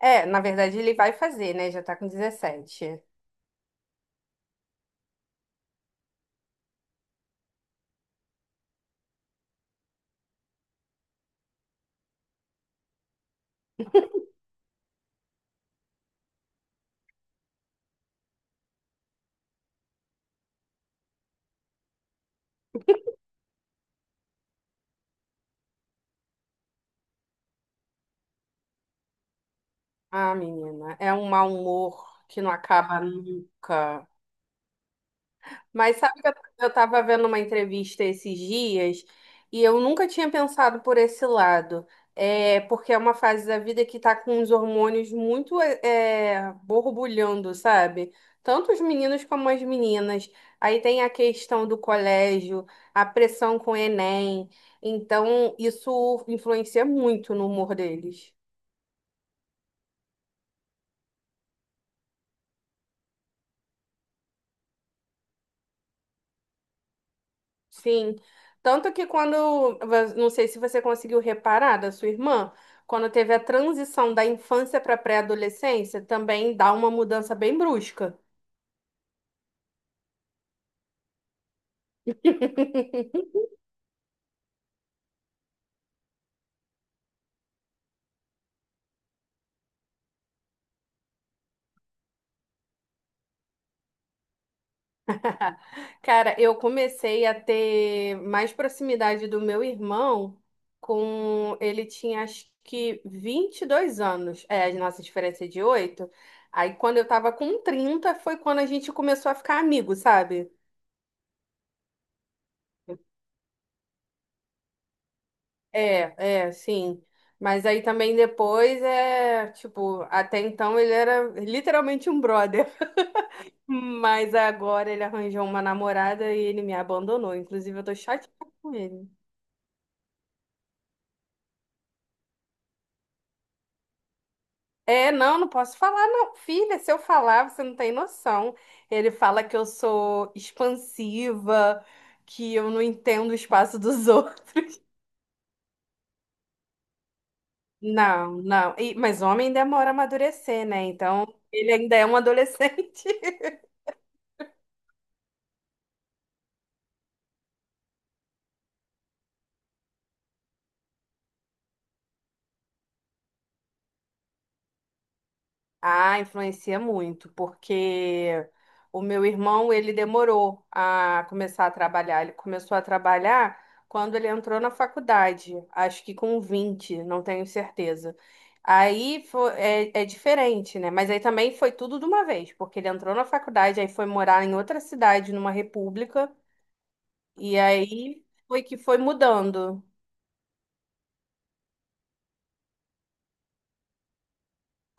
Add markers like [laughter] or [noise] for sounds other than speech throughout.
É, na verdade ele vai fazer, né? Já tá com dezessete. Ah, menina, é um mau humor que não acaba nunca. Mas sabe que eu tava vendo uma entrevista esses dias e eu nunca tinha pensado por esse lado. É porque é uma fase da vida que tá com os hormônios muito borbulhando, sabe? Tanto os meninos como as meninas. Aí tem a questão do colégio, a pressão com o Enem. Então, isso influencia muito no humor deles. Sim. Tanto que quando, não sei se você conseguiu reparar da sua irmã, quando teve a transição da infância para pré-adolescência, também dá uma mudança bem brusca. [laughs] Cara, eu comecei a ter mais proximidade do meu irmão com ele tinha acho que 22 anos. É, a nossa diferença é de 8. Aí quando eu tava com 30 foi quando a gente começou a ficar amigo, sabe? É, é, sim. Mas aí também depois é, tipo, até então ele era literalmente um brother. [laughs] Mas agora ele arranjou uma namorada e ele me abandonou. Inclusive, eu tô chateada com ele. É, não, não posso falar, não. Filha, se eu falar, você não tem noção. Ele fala que eu sou expansiva, que eu não entendo o espaço dos [laughs] outros. Não, não. Mas homem demora a amadurecer, né? Então, ele ainda é um adolescente. Ah, influencia muito, porque o meu irmão, ele demorou a começar a trabalhar. Ele começou a trabalhar quando ele entrou na faculdade, acho que com 20, não tenho certeza. É, é diferente, né? Mas aí também foi tudo de uma vez, porque ele entrou na faculdade, aí foi morar em outra cidade, numa república, e aí foi que foi mudando.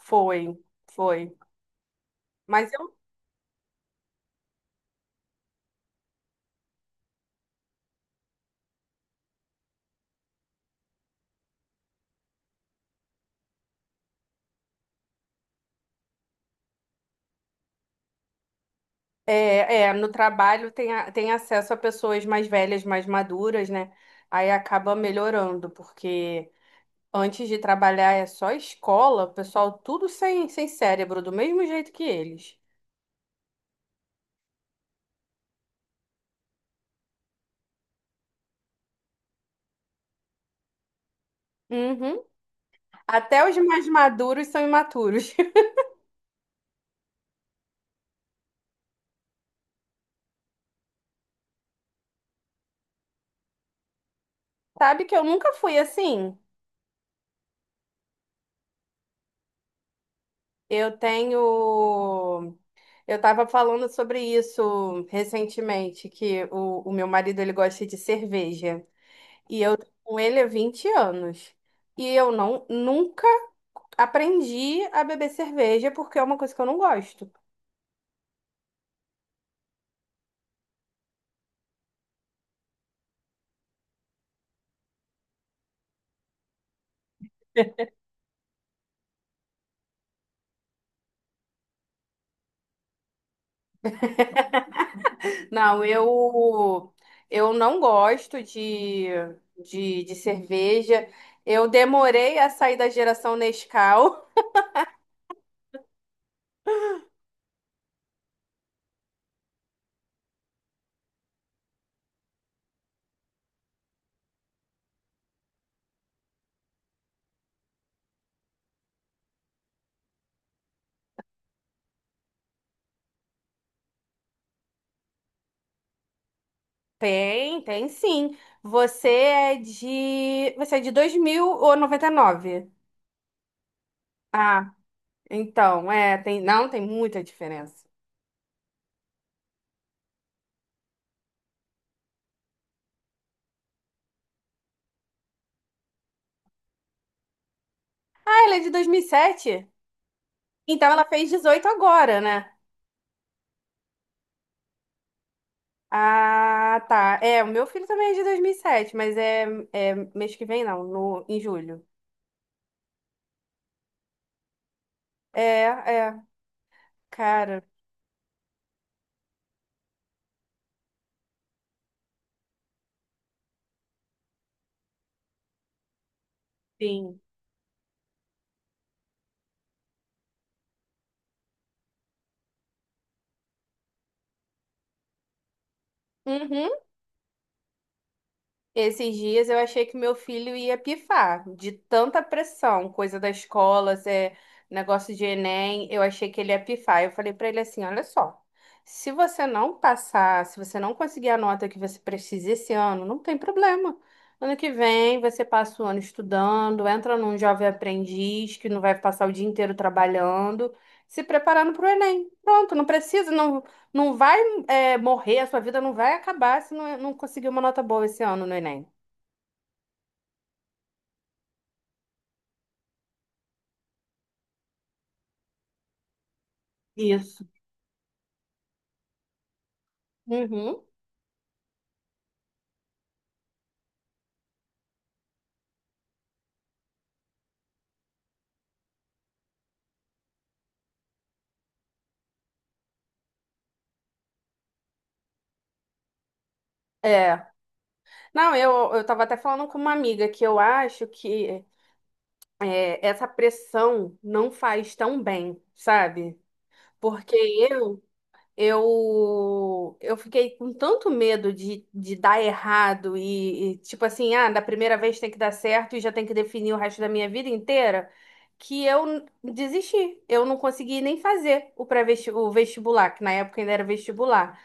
Foi, foi. Mas é, é, no trabalho tem, tem acesso a pessoas mais velhas, mais maduras, né? Aí acaba melhorando, porque antes de trabalhar é só escola, o pessoal tudo sem, sem cérebro, do mesmo jeito que eles. Uhum. Até os mais maduros são imaturos. [laughs] Sabe que eu nunca fui assim? Eu tenho. Eu estava falando sobre isso recentemente, que o meu marido ele gosta de cerveja. E eu tô com ele há 20 anos. E eu nunca aprendi a beber cerveja porque é uma coisa que eu não gosto. Não, eu não gosto de cerveja. Eu demorei a sair da geração Nescau. [laughs] Tem, tem sim. Você é de 2000 ou noventa e nove? Ah, então, é, tem, não, tem muita diferença. Ah, ela é de dois mil e sete? Então ela fez 18 agora, né? Ah, tá. É, o meu filho também é de 2007, mas é, é mês que vem, não, no, em julho. É, é, cara, sim. Uhum. Esses dias eu achei que meu filho ia pifar de tanta pressão, coisa da escola, é, negócio de Enem, eu achei que ele ia pifar. Eu falei pra ele assim, olha só, se você não passar, se você não conseguir a nota que você precisa esse ano, não tem problema. Ano que vem você passa o ano estudando, entra num jovem aprendiz que não vai passar o dia inteiro trabalhando, se preparando para o Enem. Pronto, não precisa, não, não vai é, morrer, a sua vida não vai acabar se não, é, não conseguir uma nota boa esse ano no Enem. Isso. Uhum. É. Não, eu tava até falando com uma amiga que eu acho que é, essa pressão não faz tão bem, sabe? Porque eu eu fiquei com tanto medo de dar errado e, tipo assim, ah, da primeira vez tem que dar certo e já tem que definir o resto da minha vida inteira, que eu desisti. Eu não consegui nem fazer o pré-vestibular, o vestibular, que na época ainda era vestibular.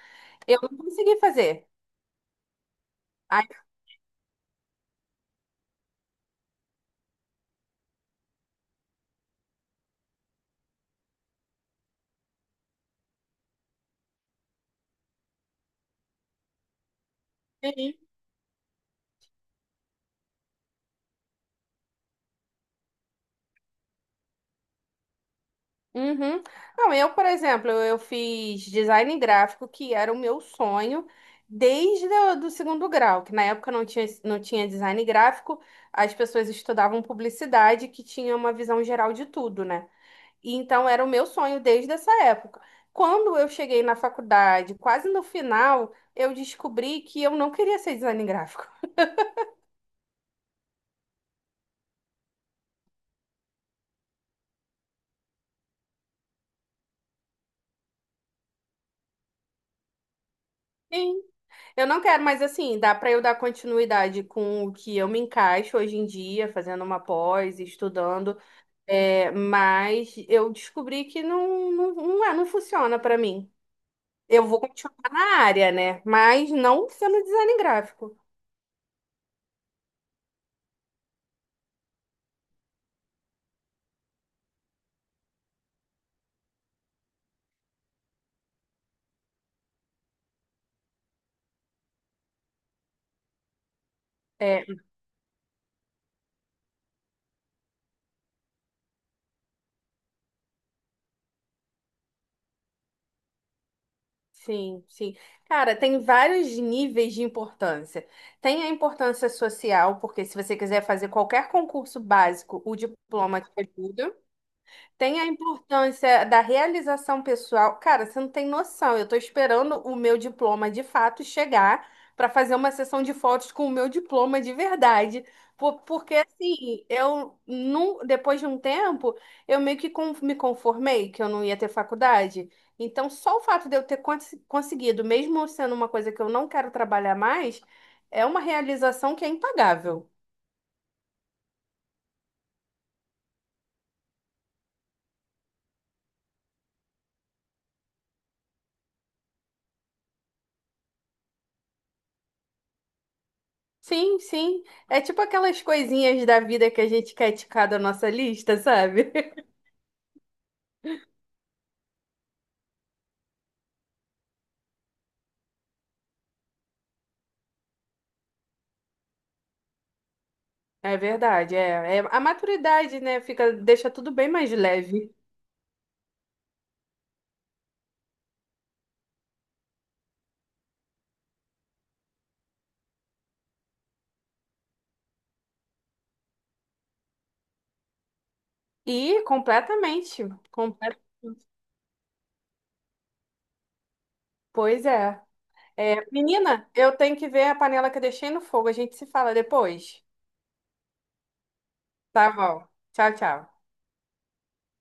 Eu não consegui fazer. Aí uhum. Não, eu, por exemplo, eu fiz design gráfico, que era o meu sonho desde o do segundo grau, que na época não tinha, design gráfico, as pessoas estudavam publicidade, que tinha uma visão geral de tudo, né? E então era o meu sonho desde essa época. Quando eu cheguei na faculdade, quase no final, eu descobri que eu não queria ser design gráfico. Sim. Eu não quero, mas assim, dá para eu dar continuidade com o que eu me encaixo hoje em dia, fazendo uma pós, estudando. É, mas eu descobri que não, não, não, é, não funciona pra mim. Eu vou continuar na área, né? Mas não sendo design gráfico. É, sim, sim. Cara, tem vários níveis de importância. Tem a importância social, porque se você quiser fazer qualquer concurso básico, o diploma te ajuda. Tem a importância da realização pessoal. Cara, você não tem noção. Eu tô esperando o meu diploma de fato chegar para fazer uma sessão de fotos com o meu diploma de verdade. Porque assim, eu não, depois de um tempo, eu meio que me conformei que eu não ia ter faculdade. Então, só o fato de eu ter conseguido, mesmo sendo uma coisa que eu não quero trabalhar mais, é uma realização que é impagável. Sim, sim. É tipo aquelas coisinhas da vida que a gente quer ticar da nossa lista, sabe? [laughs] É verdade, é, é a maturidade, né? Fica, deixa tudo bem mais leve. E completamente, completamente. Pois é. É, menina, eu tenho que ver a panela que eu deixei no fogo. A gente se fala depois. Tá bom. Tchau, tchau.